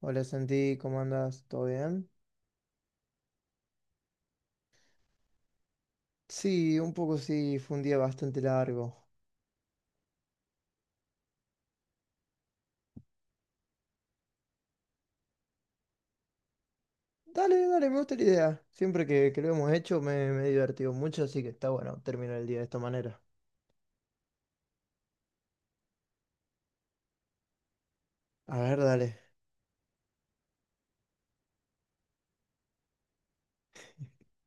Hola Santi, ¿cómo andas? ¿Todo bien? Sí, un poco sí, fue un día bastante largo. Dale, dale, me gusta la idea. Siempre que lo hemos hecho me he divertido mucho, así que está bueno terminar el día de esta manera. A ver, dale.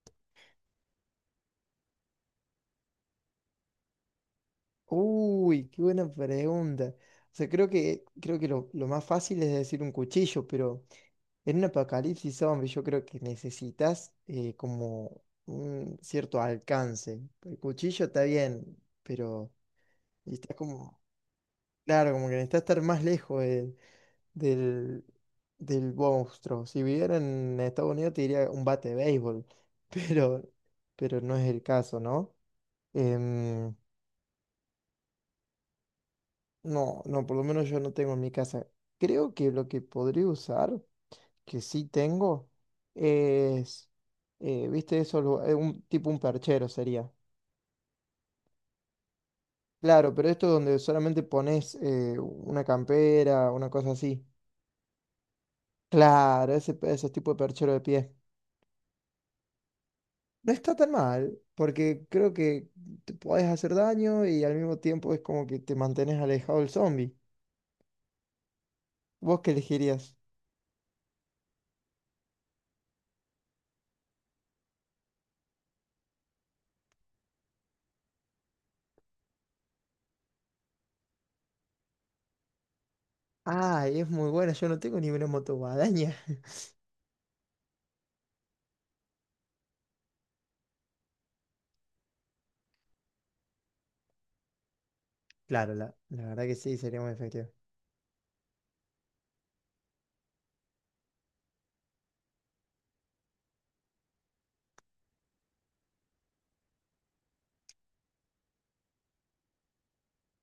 Uy, qué buena pregunta. O sea, creo que lo más fácil es decir un cuchillo, pero en un apocalipsis zombie yo creo que necesitas como un cierto alcance. El cuchillo está bien, pero estás como. Claro, como que necesita estar más lejos del, del monstruo. Si viviera en Estados Unidos te diría un bate de béisbol, pero, pero no es el caso, ¿no? Em, no, no, por lo menos yo no tengo en mi casa. Creo que lo que podría usar, que sí tengo, es, ¿viste eso? Tipo un perchero sería. Claro, pero esto donde solamente pones una campera, una cosa así. Claro, ese tipo de perchero de pie. No está tan mal, porque creo que te puedes hacer daño y al mismo tiempo es como que te mantienes alejado del zombie. ¿Vos qué elegirías? Ah, es muy buena, yo no tengo ni una motoguadaña. Claro, la verdad que sí, sería muy efectivo.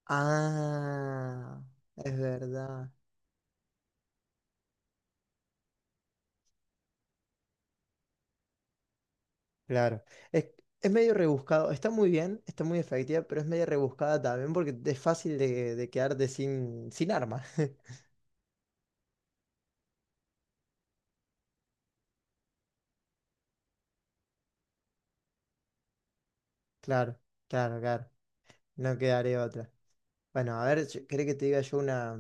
Ah, es verdad. Claro. Es, es medio rebuscado. Está muy bien, está muy efectiva, pero es medio rebuscada también porque es fácil de quedarte sin arma. Claro, claro, claro. No quedaré otra. Bueno, a ver, ¿querés que te diga yo una,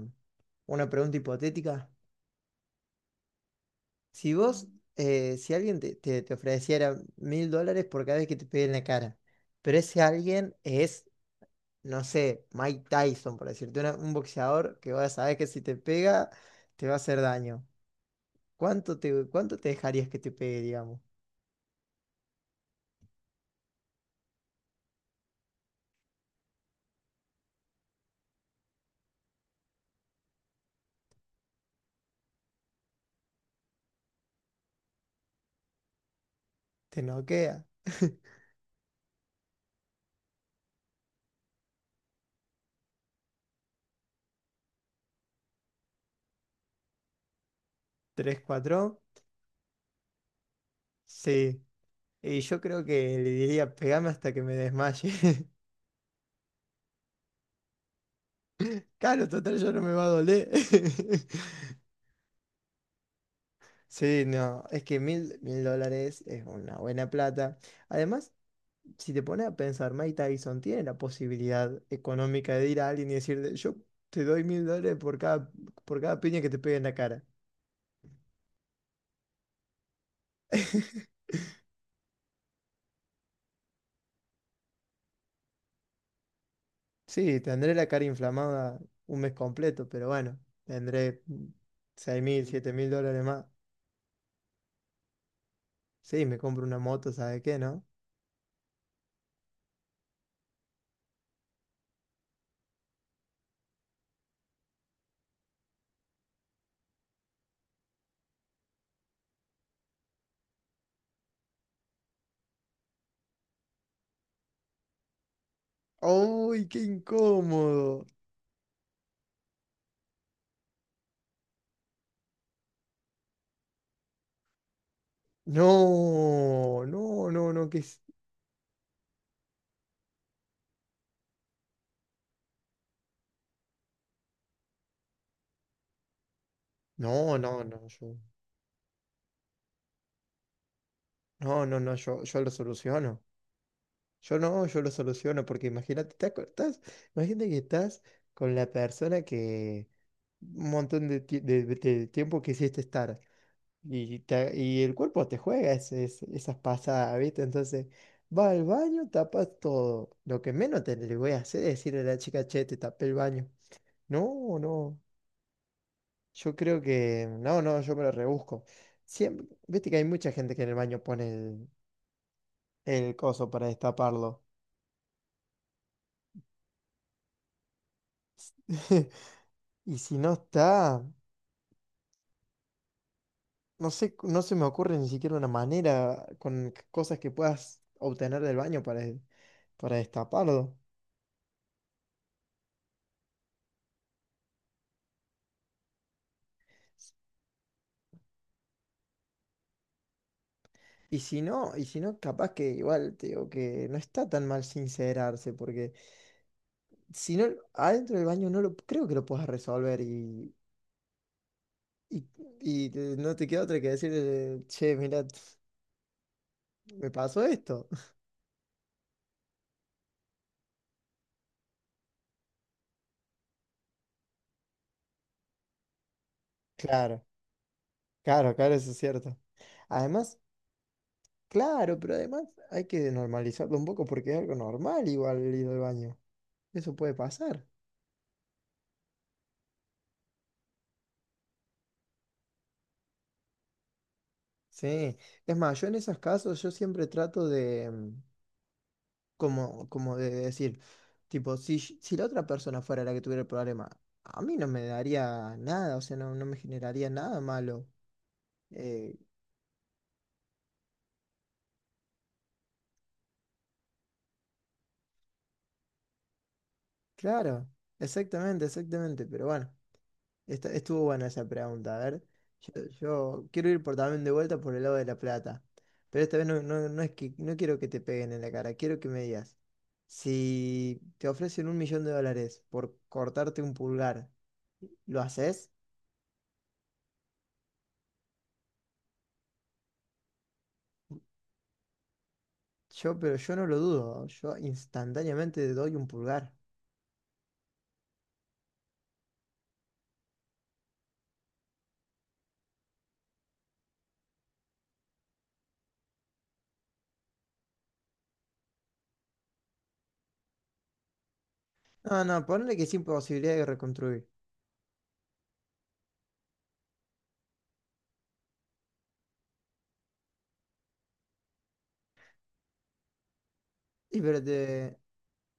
una pregunta hipotética? Si vos, si alguien te ofreciera $1.000 por cada vez que te pegue en la cara, pero ese alguien es, no sé, Mike Tyson, por decirte, un boxeador que vas a saber que si te pega, te va a hacer daño. ¿Cuánto te dejarías que te pegue, digamos? ¿Te noquea? ¿Tres, cuatro? Sí. Y yo creo que le diría, pegame hasta que me desmaye. Claro, total, yo no me va a doler. Sí, no, es que mil dólares es una buena plata. Además, si te pones a pensar, Mike Tyson tiene la posibilidad económica de ir a alguien y decirle, yo te doy $1.000 por cada piña que te pegue en la cara. Sí, tendré la cara inflamada un mes completo, pero bueno, tendré seis mil, siete mil dólares más. Sí, me compro una moto, ¿sabe qué, no? ¡Uy, qué incómodo! No, no, no, no, que es. No, no, no, yo. No, no, no, yo lo soluciono. Yo no, yo lo soluciono, porque imagínate, imagínate que estás con la persona que un montón de tiempo quisiste estar. Y, y el cuerpo te juega esas pasadas, ¿viste? Entonces, va al baño, tapas todo. Lo que menos te le voy a hacer es decirle a la chica, che, te tapé el baño. No, no. Yo creo que. No, no, yo me lo rebusco. Siempre, viste que hay mucha gente que en el baño pone el coso para destaparlo. Y si no está, no sé, no se me ocurre ni siquiera una manera con cosas que puedas obtener del baño para destaparlo. Y si no, capaz que igual te digo que no está tan mal sincerarse, porque si no, adentro del baño no lo creo que lo puedas resolver y, y no te queda otra que decirle, che, mira, me pasó esto. Claro, claro, claro, eso es cierto. Además. Claro, pero además hay que normalizarlo un poco porque es algo normal igual el ir al baño. Eso puede pasar. Sí. Es más, yo en esos casos yo siempre trato de como de decir, tipo, si la otra persona fuera la que tuviera el problema, a mí no me daría nada, o sea, no me generaría nada malo. Eh, claro, exactamente, exactamente. Pero bueno, estuvo buena esa pregunta. A ver, yo, yo quiero ir por también de vuelta por el lado de la plata. Pero esta vez no, no, no es que no quiero que te peguen en la cara, quiero que me digas. Si te ofrecen $1.000.000 por cortarte un pulgar, ¿lo haces? Pero yo no lo dudo. Yo instantáneamente te doy un pulgar. No, no, ponle que sin posibilidad de reconstruir. Y pero te,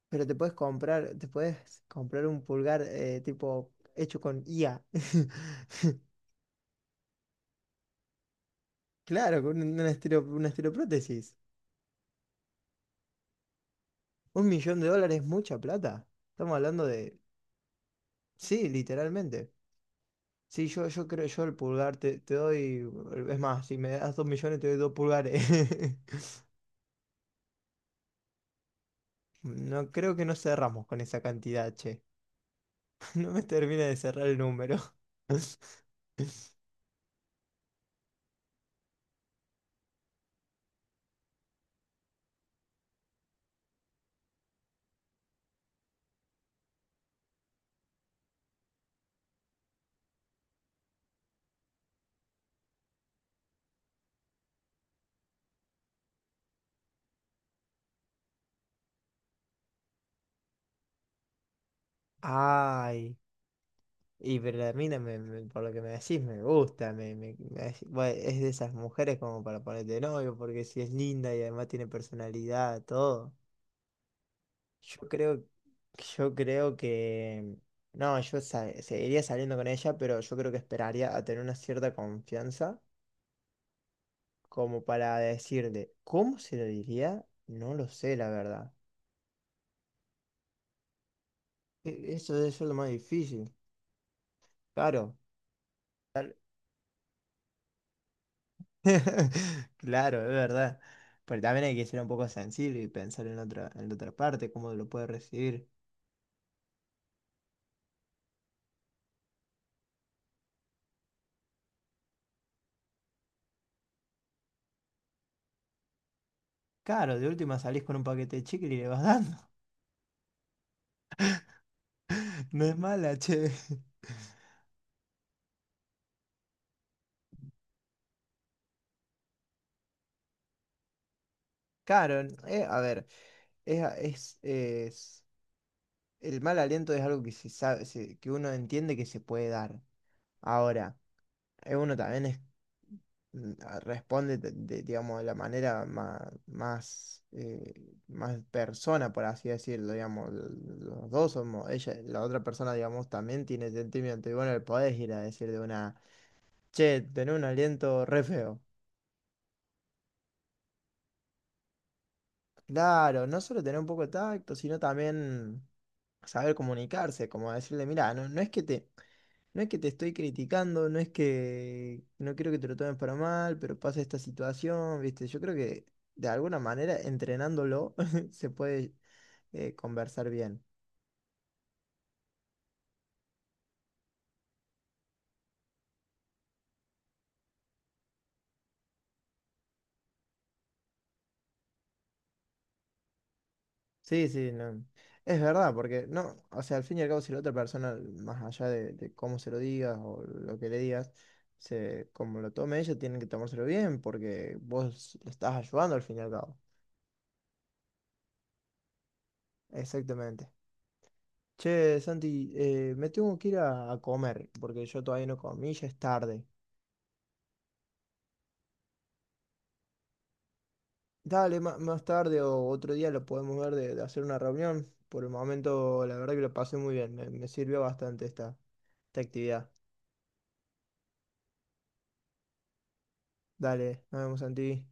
pero te puedes comprar, te puedes comprar un pulgar tipo hecho con IA. Claro, con una estiroprótesis. Un millón de dólares es mucha plata. Estamos hablando de. Sí, literalmente. Sí, yo creo, yo el pulgar te doy. Es más, si me das 2 millones te doy dos pulgares. No creo que no cerramos con esa cantidad, che. No me termina de cerrar el número. Ay, y pero la mina por lo que me decís me gusta, bueno, es de esas mujeres como para ponerte de novio, porque si es linda y además tiene personalidad, todo. Yo creo, yo creo que. No, seguiría saliendo con ella, pero yo creo que esperaría a tener una cierta confianza como para decirle, ¿cómo se lo diría? No lo sé, la verdad. Eso debe ser lo más difícil. Claro. tal- Claro, es verdad. Pero también hay que ser un poco sensible y pensar en la otra parte, cómo lo puede recibir. Claro, de última salís con un paquete de chicle y le vas dando. No es mala, che. Claro, a ver. Es, a- es, es- el mal aliento es algo que se sabe, que uno entiende que se puede dar. Ahora, uno también responde, digamos, de la manera más persona, por así decirlo, digamos, los dos somos, ella, la otra persona, digamos, también tiene sentimiento. Y bueno, le podés ir a decir de una, che, tener un aliento re feo. Claro, no solo tener un poco de tacto, sino también saber comunicarse, como decirle, mira, No es que te estoy criticando, no es que no quiero que te lo tomes para mal, pero pasa esta situación, ¿viste? Yo creo que de alguna manera entrenándolo se puede conversar bien. Sí, sí, no. Es verdad, porque no, o sea, al fin y al cabo, si la otra persona, más allá de cómo se lo digas o lo que le digas, se, como lo tome ella, tienen que tomárselo bien, porque vos le estás ayudando al fin y al cabo. Exactamente. Che, Santi, me tengo que ir a comer, porque yo todavía no comí, ya es tarde. Dale, más tarde o otro día lo podemos ver de hacer una reunión. Por el momento, la verdad que lo pasé muy bien. Me sirvió bastante esta actividad. Dale, nos vemos, Santi.